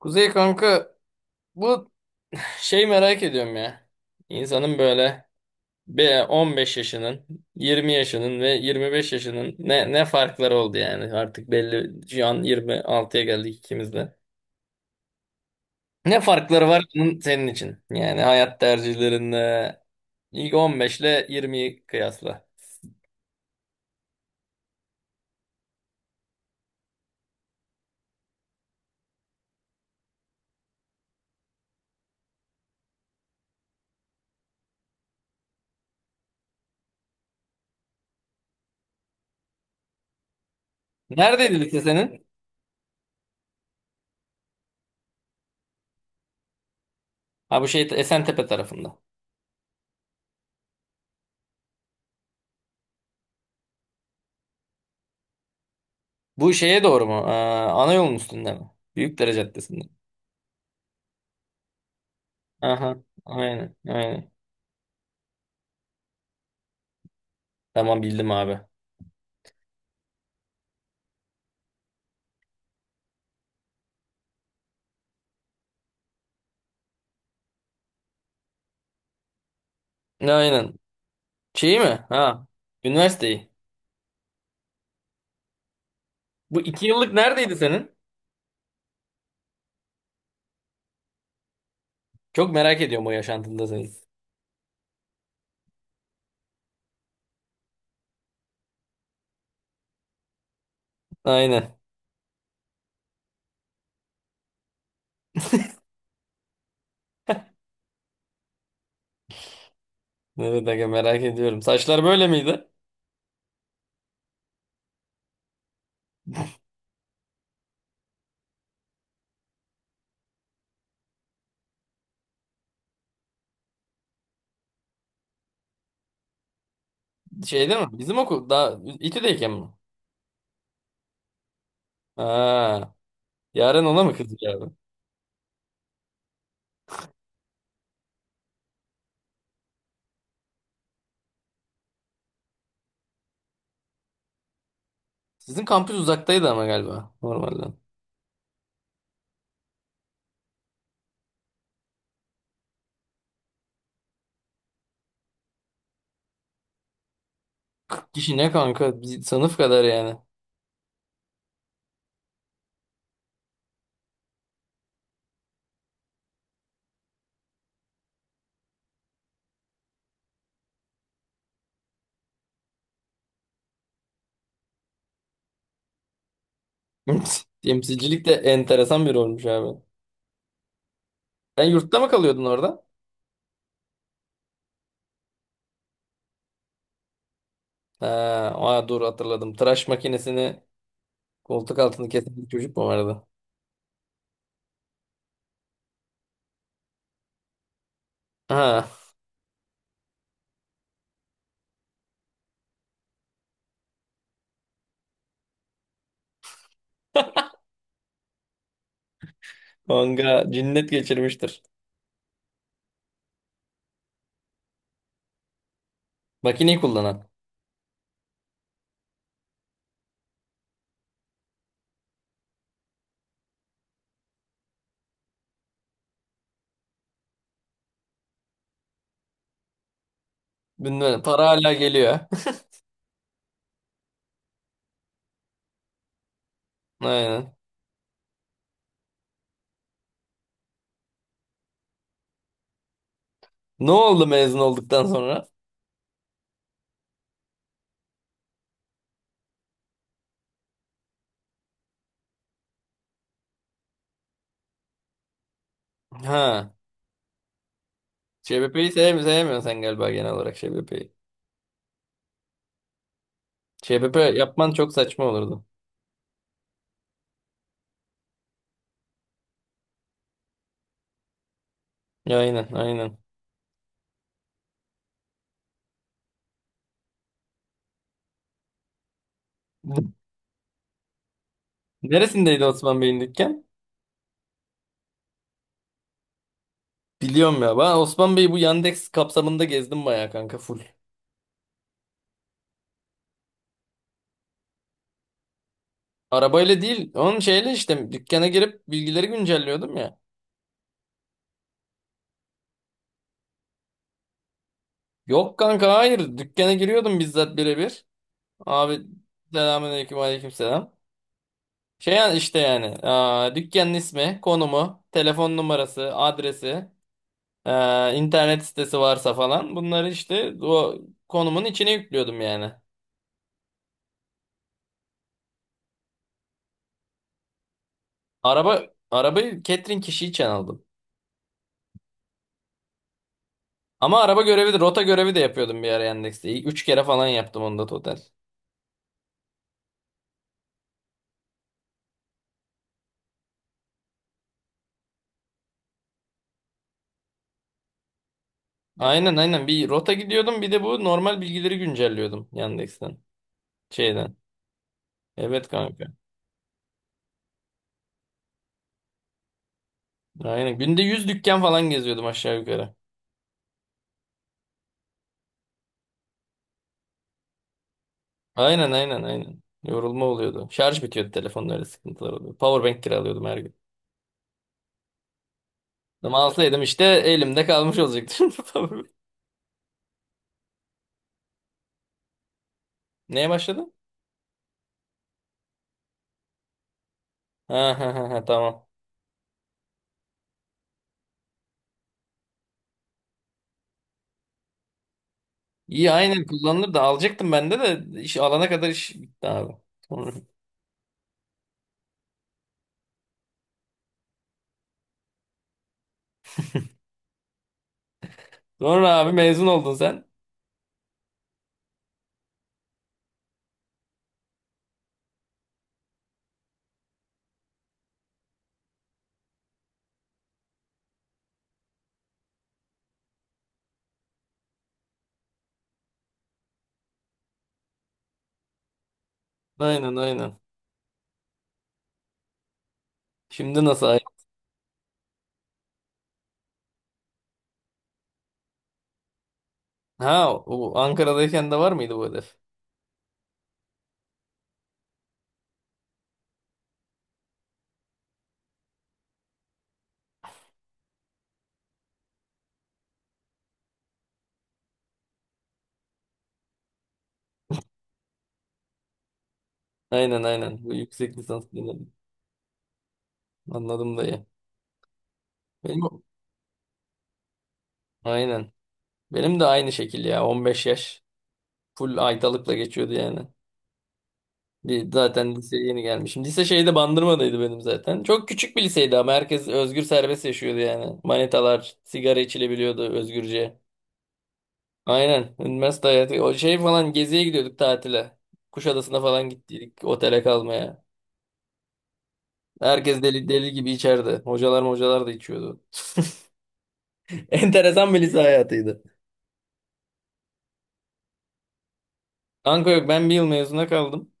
Kuzey kanka, bu şey merak ediyorum ya. İnsanın böyle bir 15 yaşının, 20 yaşının ve 25 yaşının ne farkları oldu yani artık belli şu an 26'ya geldik ikimiz de. Ne farkları var bunun senin için? Yani hayat tercihlerinde ilk 15 ile 20'yi kıyasla. Neredeydi lise senin? Ha, bu şey Esentepe tarafında. Bu şeye doğru mu? Aa, ana yolun üstünde mi? Büyükdere Caddesi'nde. Aha, aynen, aynen. Tamam, bildim abi. Aynen. Şeyi mi? Ha. Üniversiteyi. Bu 2 yıllık neredeydi senin? Çok merak ediyorum o yaşantında senin. Aynen. Evet aga, merak ediyorum. Saçlar böyle miydi? Şeyde mi? Bizim okul daha İTÜ'deyken mi? Ha. Yaren ona mı kızdı abi? Sizin kampüs uzaktaydı ama galiba normalden. 40 kişi ne kanka? Biz sınıf kadar yani. Temsilcilik de enteresan bir olmuş abi. Sen yurtta mı kalıyordun orada? Ha, aa, dur hatırladım. Tıraş makinesini koltuk altını kesen bir çocuk mu vardı? Ha. Manga cinnet geçirmiştir. Makineyi kullanan. Bilmem, para hala geliyor. Aynen. Ne oldu mezun olduktan sonra? Ha. ÇBP'yi sevmiyorsun sen galiba, genel olarak ÇBP'yi. ÇBP yapman çok saçma olurdu. Ya, aynen aynen. Neresindeydi Osman Bey'in dükkan? Biliyorum ya. Ben Osman Bey'i bu Yandex kapsamında gezdim bayağı kanka, full. Arabayla değil. Onun şeyle işte dükkana girip bilgileri güncelliyordum ya. Yok kanka, hayır. Dükkana giriyordum bizzat birebir. Abi, selamünaleyküm aleykümselam. Şey yani işte yani aa, dükkanın ismi, konumu, telefon numarası, adresi, internet sitesi varsa falan bunları işte o konumun içine yüklüyordum yani. Araba arabayı catering kişi için aldım. Ama araba görevi de rota görevi de yapıyordum bir ara Yandex'te. 3 kere falan yaptım onda total. Aynen aynen, bir rota gidiyordum, bir de bu normal bilgileri güncelliyordum Yandex'ten, şeyden. Evet kanka. Aynen günde 100 dükkan falan geziyordum aşağı yukarı. Aynen aynen aynen. Yorulma oluyordu. Şarj bitiyordu telefonun, öyle sıkıntılar oluyordu. Powerbank kiralıyordum her gün. Ama alsaydım işte elimde kalmış olacaktı. Powerbank. Neye başladın? Ha, ha, ha, ha, tamam. İyi aynen, kullanılır da alacaktım ben de, de iş alana kadar iş bitti abi. Sonra, sonra abi mezun oldun sen. Aynen aynen. Şimdi nasıl? Ha o Ankara'dayken de var mıydı bu hedef? Aynen aynen. Bu yüksek lisans dönemi. Anladım dayı. Benim, aynen. Benim de aynı şekil ya, 15 yaş. Full aydalıkla geçiyordu yani. Bir, zaten liseye yeni gelmişim. Lise şeyde Bandırma'daydı benim zaten. Çok küçük bir liseydi ama herkes özgür serbest yaşıyordu yani. Manitalar, sigara içilebiliyordu özgürce. Aynen. Üniversite hayatı. O şey falan geziye gidiyorduk tatile. Kuşadası'na falan gittiydik otele kalmaya. Herkes deli deli gibi içerdi. Hocalar hocalar da içiyordu. Enteresan bir lise hayatıydı. Kanka yok, ben bir yıl mezuna kaldım.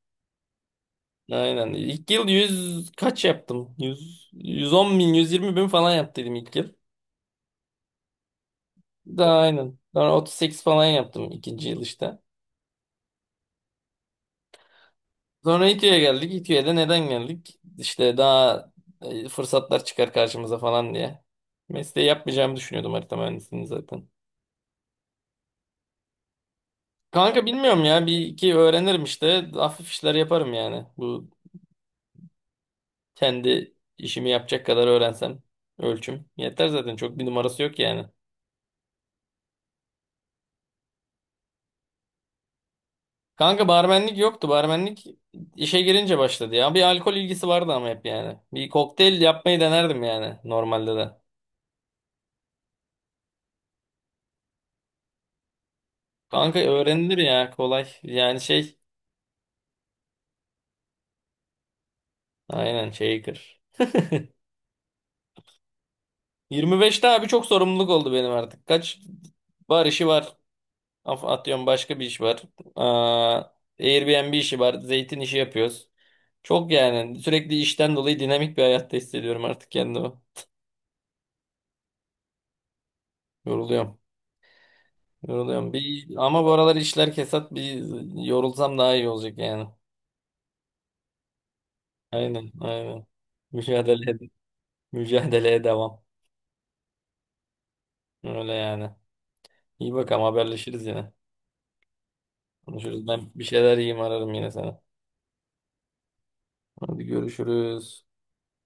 Aynen. İlk yıl 100 kaç yaptım? Yüz on bin, 120 bin falan yaptıydım ilk yıl. Daha aynen. Sonra 38 falan yaptım ikinci yıl işte. Sonra İTÜ'ye geldik. İTÜ'ye de neden geldik? İşte daha fırsatlar çıkar karşımıza falan diye. Mesleği yapmayacağımı düşünüyordum, harita mühendisliğini zaten. Kanka bilmiyorum ya. Bir iki öğrenirim işte. Hafif işler yaparım yani. Bu kendi işimi yapacak kadar öğrensem. Ölçüm. Yeter zaten. Çok bir numarası yok yani. Kanka barmenlik yoktu. Barmenlik işe girince başladı ya. Bir alkol ilgisi vardı ama hep yani. Bir kokteyl yapmayı denerdim yani normalde de. Kanka öğrenilir ya, kolay. Yani şey, aynen, shaker. 25'te abi çok sorumluluk oldu benim artık. Kaç bar işi var. Atıyorum başka bir iş var. Aa, Airbnb işi var. Zeytin işi yapıyoruz. Çok yani sürekli işten dolayı dinamik bir hayatta hissediyorum artık kendimi. Yoruluyorum. Yoruluyorum. Bir, ama bu aralar işler kesat, bir yorulsam daha iyi olacak yani. Aynen aynen. Mücadele, ed- mücadeleye devam. Öyle yani. İyi bakalım, haberleşiriz yine. Konuşuruz. Ben bir şeyler yiyeyim, ararım yine sana. Hadi görüşürüz.